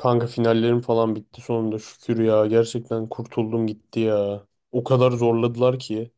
Kanka finallerim falan bitti sonunda şükür ya. Gerçekten kurtuldum gitti ya. O kadar zorladılar ki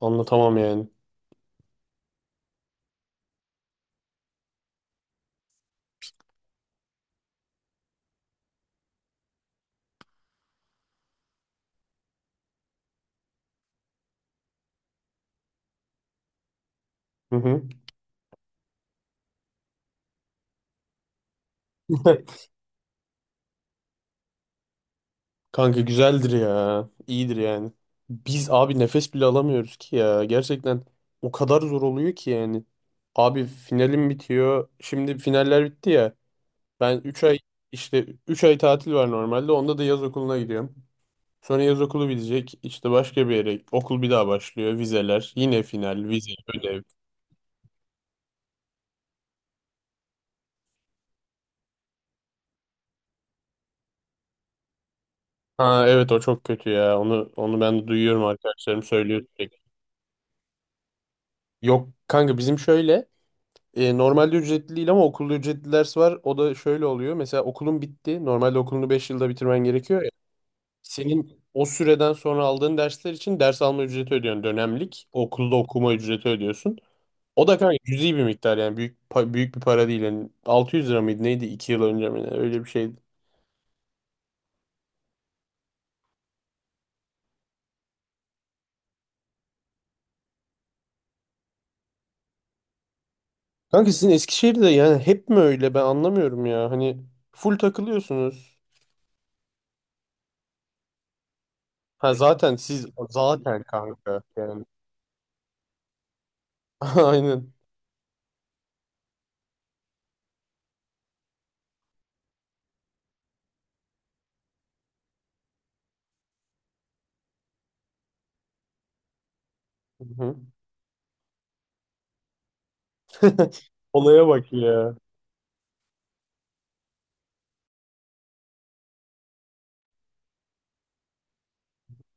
anlatamam yani. Hı hı. Kanka güzeldir ya. İyidir yani. Biz abi nefes bile alamıyoruz ki ya. Gerçekten o kadar zor oluyor ki yani. Abi finalim bitiyor. Şimdi finaller bitti ya. Ben 3 ay işte 3 ay tatil var normalde. Onda da yaz okuluna gidiyorum. Sonra yaz okulu bitecek. İşte başka bir yere okul bir daha başlıyor. Vizeler, yine final, vize, ödev. Ha evet o çok kötü ya. Onu ben duyuyorum arkadaşlarım söylüyor sürekli. Yok kanka bizim şöyle normalde ücretli değil ama okulda ücretli ders var. O da şöyle oluyor. Mesela okulun bitti. Normalde okulunu 5 yılda bitirmen gerekiyor ya. Senin o süreden sonra aldığın dersler için ders alma ücreti ödüyorsun. Dönemlik okulda okuma ücreti ödüyorsun. O da kanka cüzi bir miktar yani büyük bir para değil. Yani 600 lira mıydı neydi 2 yıl önce mi ne? Öyle bir şeydi. Kanka sizin Eskişehir'de yani hep mi öyle ben anlamıyorum ya. Hani full takılıyorsunuz. Ha zaten siz zaten kanka yani. Aynen. Hı hı. Olaya bak ya.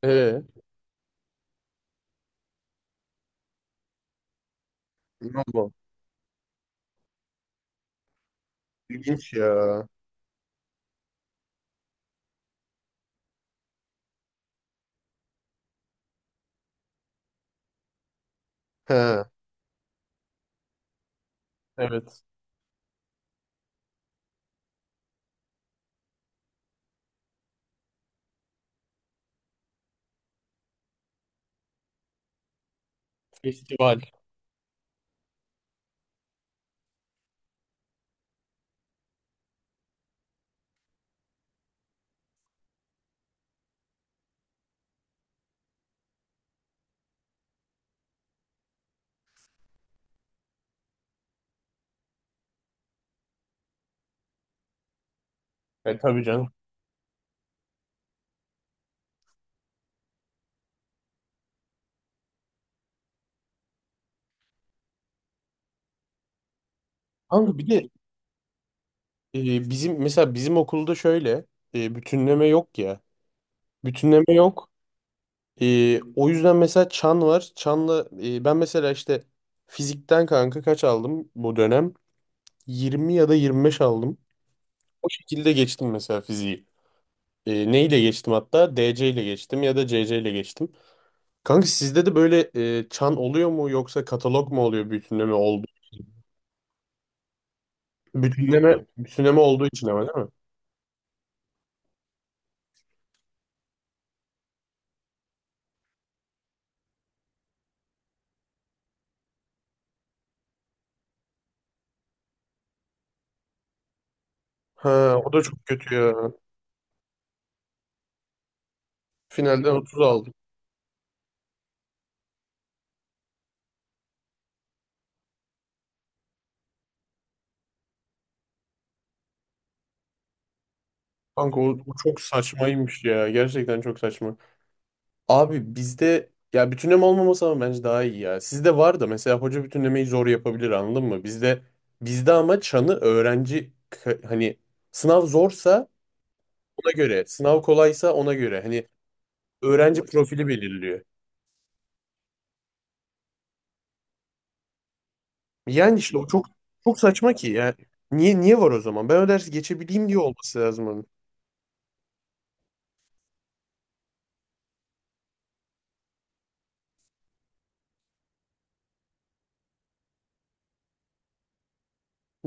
Ee, İnanma. İlginç ya. He. Evet. Festival. E tabii canım. Kanka bir de bizim mesela bizim okulda şöyle bütünleme yok ya. Bütünleme yok. O yüzden mesela çan var. Çanla ben mesela işte fizikten kanka kaç aldım bu dönem? 20 ya da 25 aldım. O şekilde geçtim mesela fiziği. E, neyle geçtim hatta? DC ile geçtim ya da CC ile geçtim. Kanka sizde de böyle çan oluyor mu yoksa katalog mu oluyor bütünleme oldu? Bütünleme olduğu için ama değil mi? Ha, o da çok kötü ya. Finalden 30 aldım. Kanka o çok saçmaymış ya. Gerçekten çok saçma. Abi bizde ya bütünleme olmaması ama bence daha iyi ya. Sizde var da mesela hoca bütünlemeyi zor yapabilir anladın mı? Bizde ama çanı hani sınav zorsa ona göre, sınav kolaysa ona göre. Hani öğrenci profili belirliyor. Yani işte o çok çok saçma ki ya. Niye var o zaman? Ben o dersi geçebileyim diye olması lazım onun.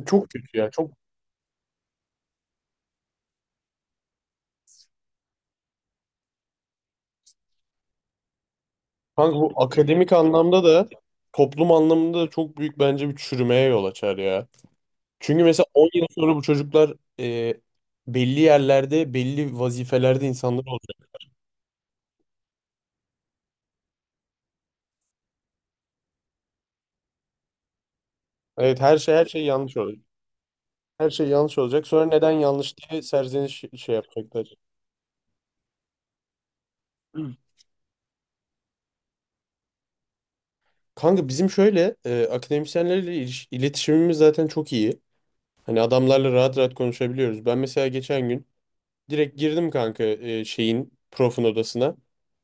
Çok kötü ya. Çok kanka bu akademik anlamda da toplum anlamında da çok büyük bence bir çürümeye yol açar ya. Çünkü mesela 10 yıl sonra bu çocuklar e, belli yerlerde, belli vazifelerde insanlar olacak. Evet her şey yanlış olacak. Her şey yanlış olacak. Sonra neden yanlış diye serzeniş şey yapacaklar. Kanka bizim şöyle iletişimimiz zaten çok iyi. Hani adamlarla rahat konuşabiliyoruz. Ben mesela geçen gün direkt girdim kanka e, şeyin profun odasına.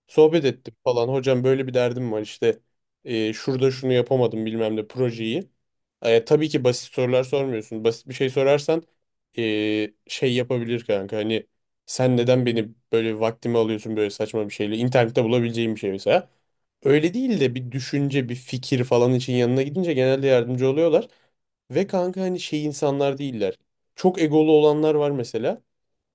Sohbet ettim falan. Hocam böyle bir derdim var işte şurada şunu yapamadım bilmem ne projeyi. E, tabii ki basit sorular sormuyorsun. Basit bir şey sorarsan şey yapabilir kanka. Hani sen neden beni böyle vaktimi alıyorsun böyle saçma bir şeyle? İnternette bulabileceğim bir şey mesela. Öyle değil de bir düşünce, bir fikir falan için yanına gidince genelde yardımcı oluyorlar. Ve kanka hani şey insanlar değiller. Çok egolu olanlar var mesela.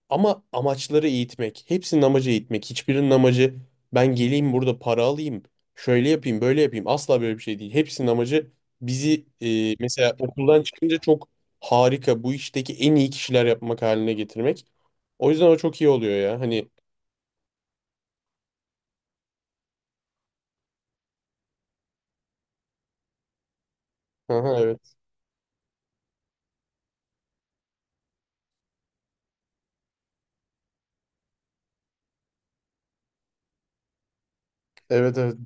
Ama amaçları eğitmek. Hepsinin amacı eğitmek. Hiçbirinin amacı ben geleyim burada para alayım. Şöyle yapayım, böyle yapayım. Asla böyle bir şey değil. Hepsinin amacı bizi mesela okuldan çıkınca çok harika bu işteki en iyi kişiler yapmak haline getirmek. O yüzden o çok iyi oluyor ya. Hani Aha, evet. Evet evet.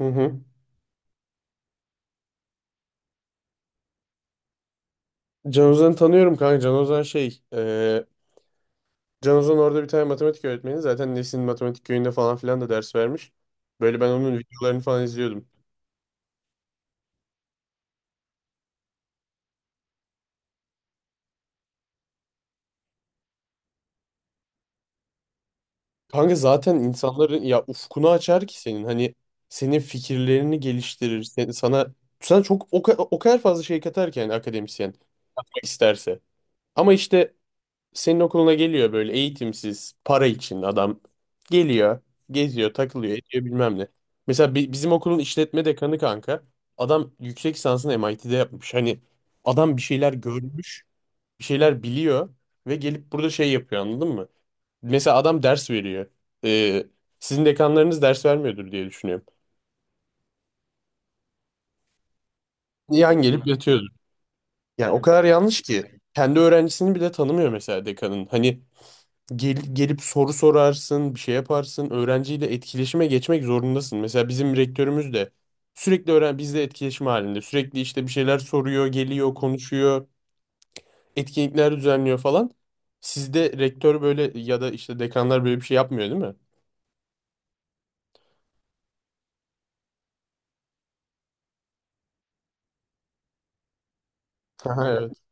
Hı hı. Can Ozan'ı tanıyorum kanka. Can Ozan orada bir tane matematik öğretmeni. Zaten Nesin matematik köyünde falan filan da ders vermiş. Böyle ben onun videolarını falan izliyordum. Kanka zaten insanların ya ufkunu açar ki senin. Hani senin fikirlerini geliştirir. Sen, sana sana çok o kadar fazla şey katar ki yani akademisyen isterse. Ama işte senin okuluna geliyor böyle eğitimsiz, para için adam geliyor, geziyor, takılıyor, ediyor bilmem ne. Mesela bizim okulun işletme dekanı kanka, adam yüksek lisansını MIT'de yapmış. Hani adam bir şeyler görmüş, bir şeyler biliyor ve gelip burada şey yapıyor anladın mı? Mesela adam ders veriyor. Ee, Sizin dekanlarınız ders vermiyordur diye düşünüyorum. Yan gelip yatıyordur. Yani o kadar yanlış ki. Kendi öğrencisini bile tanımıyor mesela dekanın. Hani gelip soru sorarsın, bir şey yaparsın. Öğrenciyle etkileşime geçmek zorundasın. Mesela bizim rektörümüz de sürekli öğren bizle etkileşim halinde. Sürekli işte bir şeyler soruyor, geliyor, konuşuyor, etkinlikler düzenliyor falan. Sizde rektör böyle ya da işte dekanlar böyle bir şey yapmıyor değil mi? Aha, evet.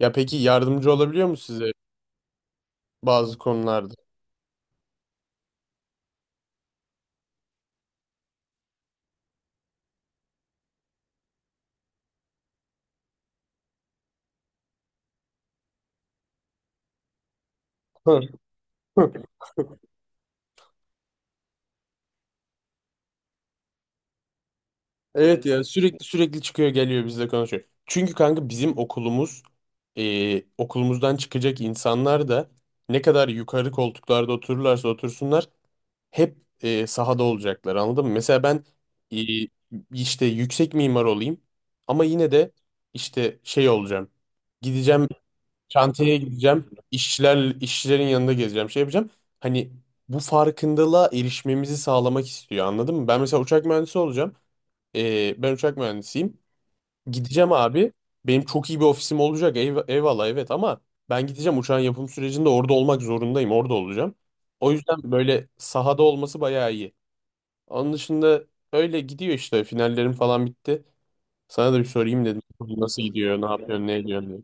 Ya peki yardımcı olabiliyor mu size bazı konularda? Evet ya sürekli çıkıyor geliyor bizle konuşuyor. Çünkü kanka bizim okulumuz okulumuzdan çıkacak insanlar da ne kadar yukarı koltuklarda otururlarsa otursunlar hep sahada olacaklar anladın mı? Mesela ben e, işte yüksek mimar olayım ama yine de işte şey olacağım. Gideceğim çantaya gideceğim işçilerin yanında gezeceğim şey yapacağım. Hani bu farkındalığa erişmemizi sağlamak istiyor anladın mı? Ben mesela uçak mühendisi olacağım. Ben uçak mühendisiyim. Gideceğim abi. Benim çok iyi bir ofisim olacak. Eyvallah evet ama ben gideceğim uçağın yapım sürecinde orada olmak zorundayım. Orada olacağım. O yüzden böyle sahada olması bayağı iyi. Onun dışında öyle gidiyor işte. Finallerim falan bitti. Sana da bir sorayım dedim. Nasıl gidiyor? Ne yapıyorsun? Ne ediyorsun? Diye.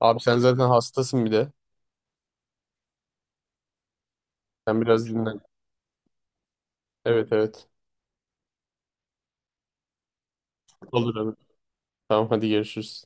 Abi sen zaten hastasın bir de. Sen biraz dinlen. Evet evet. Olur abi. Tamam hadi görüşürüz.